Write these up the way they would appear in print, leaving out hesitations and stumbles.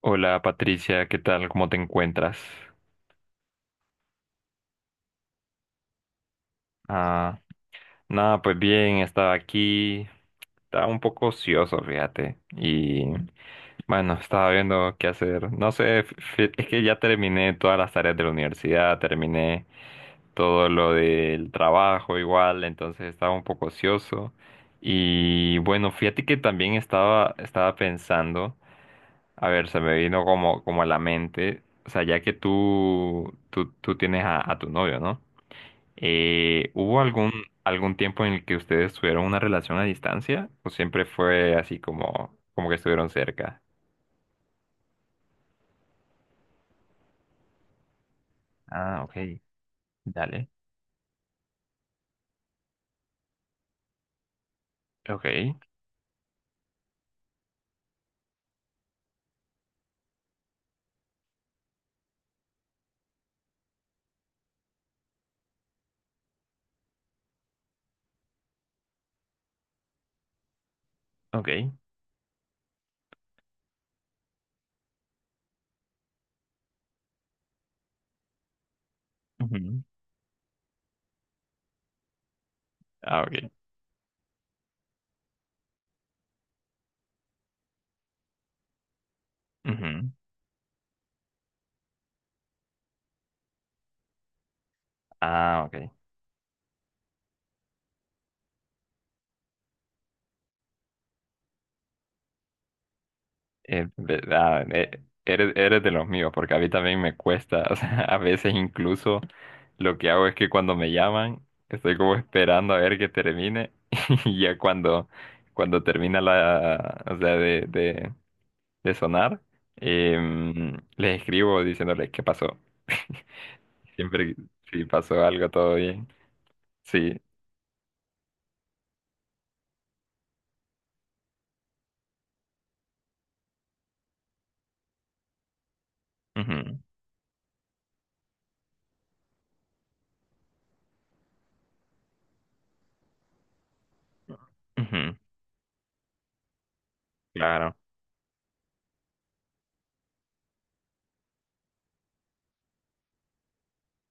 Hola Patricia, ¿qué tal? ¿Cómo te encuentras? Ah, nada, pues bien, estaba aquí, estaba un poco ocioso, fíjate, y bueno, estaba viendo qué hacer. No sé, es que ya terminé todas las tareas de la universidad, terminé todo lo del trabajo igual, entonces estaba un poco ocioso. Y bueno, fíjate que también estaba pensando, a ver, se me vino como, como a la mente, o sea, ya que tú tienes a tu novio, ¿no? ¿Hubo algún tiempo en el que ustedes tuvieron una relación a distancia? ¿O siempre fue así como, como que estuvieron cerca? Ah, ok. Dale. Ok, ok. Ujú. Ah, ok. Ujú. Ah, ok. Eh, ve- ah, eh, eres de los míos, porque a mí también me cuesta. O sea, a veces incluso lo que hago es que cuando me llaman, estoy como esperando a ver que termine. Y ya cuando, cuando termina la, o sea, de sonar, les escribo diciéndoles qué pasó. Siempre si pasó algo, todo bien. Sí. Ujú, ujú, claro,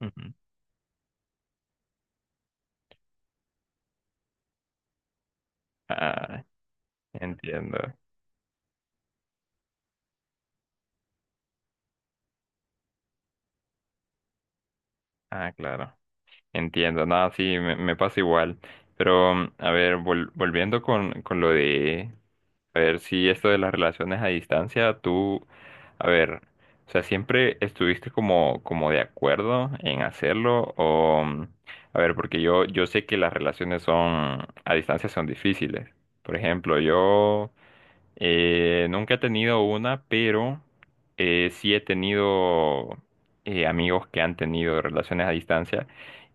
ujú. Ah, entiendo. Ah, claro. Entiendo, nada, sí, me pasa igual. Pero, mm, a ver, volviendo con lo de, a ver, si esto de las relaciones a distancia, tú, a ver, o sea, ¿siempre estuviste como, como de acuerdo en hacerlo? O, mm, a ver, porque yo sé que las relaciones son, a distancia son difíciles. Por ejemplo, yo… nunca he tenido una, pero sí he tenido amigos que han tenido relaciones a distancia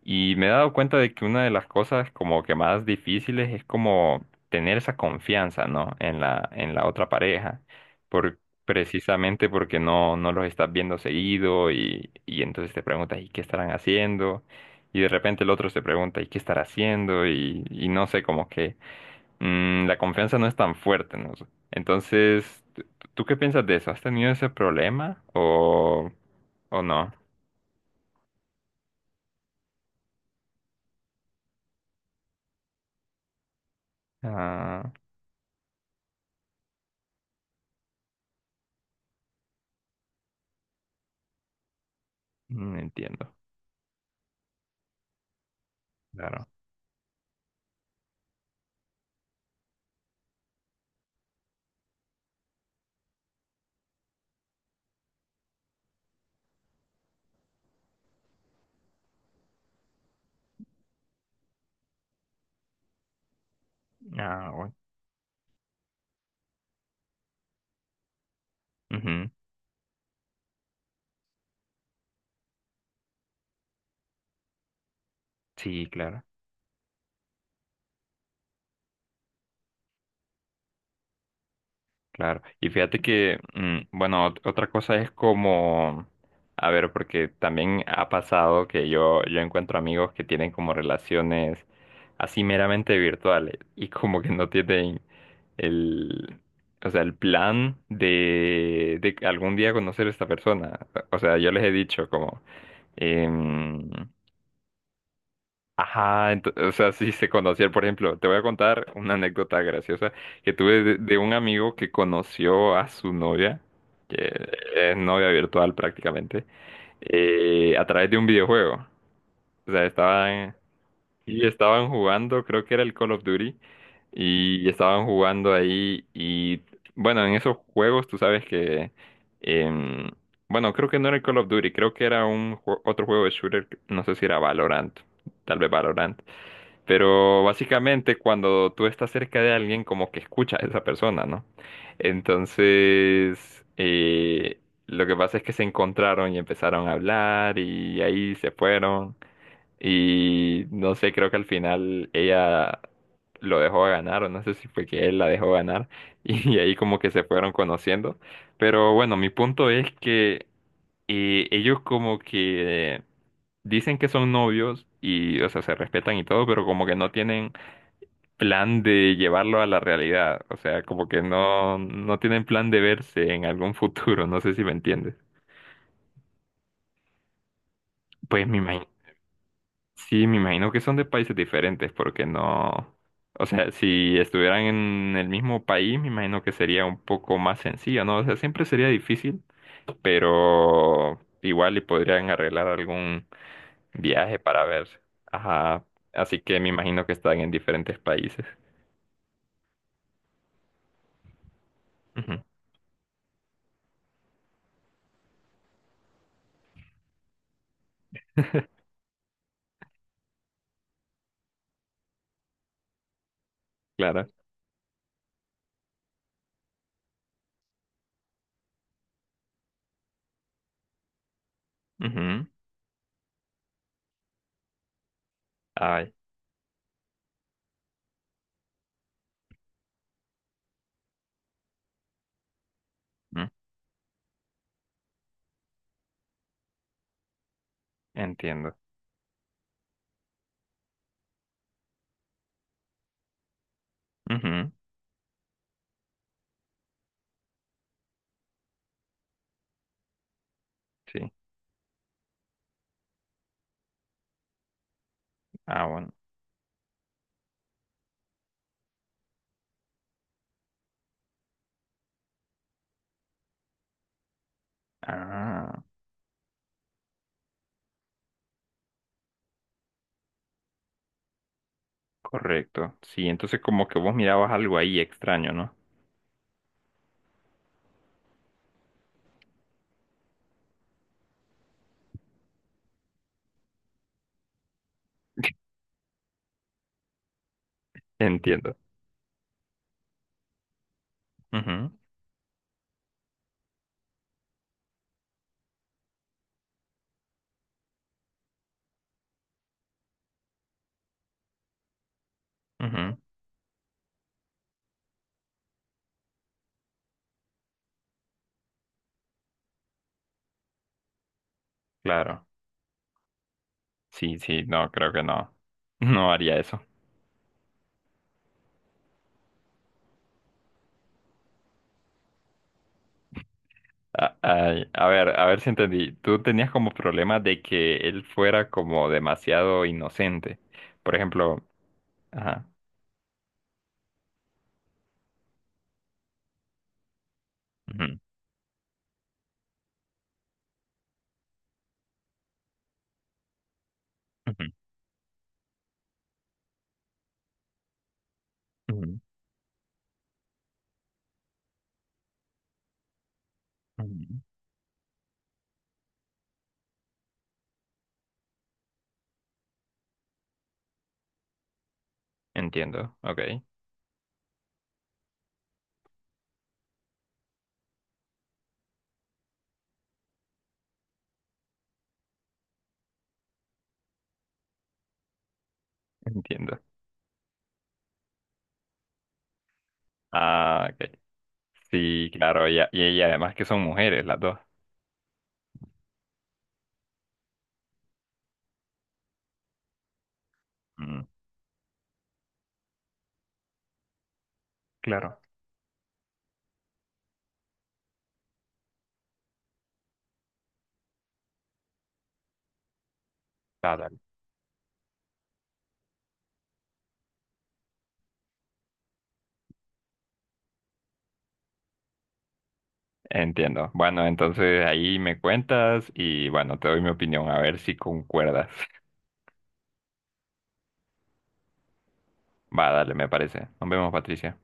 y me he dado cuenta de que una de las cosas como que más difíciles es como tener esa confianza, ¿no? En la otra pareja, por, precisamente porque no, no los estás viendo seguido y entonces te preguntas, ¿y qué estarán haciendo? Y de repente el otro se pregunta, ¿y qué estará haciendo? Y no sé, como que mm, la confianza no es tan fuerte, ¿no? Entonces, ¿tú qué piensas de eso? ¿Has tenido ese problema o no? Ah, mm, entiendo, claro. Ah, bueno. Ujú, sí, claro, claro. Y fíjate que, mm, bueno, otra cosa es como, a ver, porque también ha pasado que yo encuentro amigos que tienen como relaciones así meramente virtuales y como que no tienen el, o sea, el plan de que algún día conocer a esta persona. O sea, yo les he dicho como, em, ajá, o sea, si se conocían, por ejemplo, te voy a contar una anécdota graciosa que tuve de un amigo que conoció a su novia, que es novia virtual prácticamente, a través de un videojuego. O sea, estaban y estaban jugando, creo que era el Call of Duty, y estaban jugando ahí y bueno, en esos juegos tú sabes que, em, bueno, creo que no era el Call of Duty, creo que era un otro juego de shooter, no sé si era Valorant, tal vez Valorant, pero básicamente cuando tú estás cerca de alguien como que escuchas a esa persona, ¿no? Entonces, lo que pasa es que se encontraron y empezaron a hablar y ahí se fueron. Y no sé, creo que al final ella lo dejó ganar, o no sé si fue que él la dejó ganar, y ahí como que se fueron conociendo. Pero bueno, mi punto es que ellos como que dicen que son novios y, o sea, se respetan y todo, pero como que no tienen plan de llevarlo a la realidad, o sea, como que no, no tienen plan de verse en algún futuro, no sé si me entiendes. Pues me imagino. Sí, me imagino que son de países diferentes, porque no, o sea, si estuvieran en el mismo país, me imagino que sería un poco más sencillo, ¿no? O sea, siempre sería difícil, pero igual y podrían arreglar algún viaje para ver. Ajá, así que me imagino que están en diferentes países. Ujú. Claro. Ujú. Ay, mm, entiendo. Ujú, sí. Ah, bueno. Ah, correcto. Sí, entonces como que vos mirabas algo ahí extraño, ¿no? Entiendo. Ujú, ujú, claro. Sí, sí, no, creo que no. No haría eso. A, ay, a ver si entendí. Tú tenías como problema de que él fuera como demasiado inocente. Por ejemplo, ajá. Ujú, ujú, ujú, ujú. Entiendo, ok, entiendo. Ah, ok. Sí, claro, y, y además que son mujeres las dos. Mm, claro. Ah, dale. Entiendo. Bueno, entonces ahí me cuentas y bueno, te doy mi opinión a ver si concuerdas. Va, dale, me parece. Nos vemos, Patricia.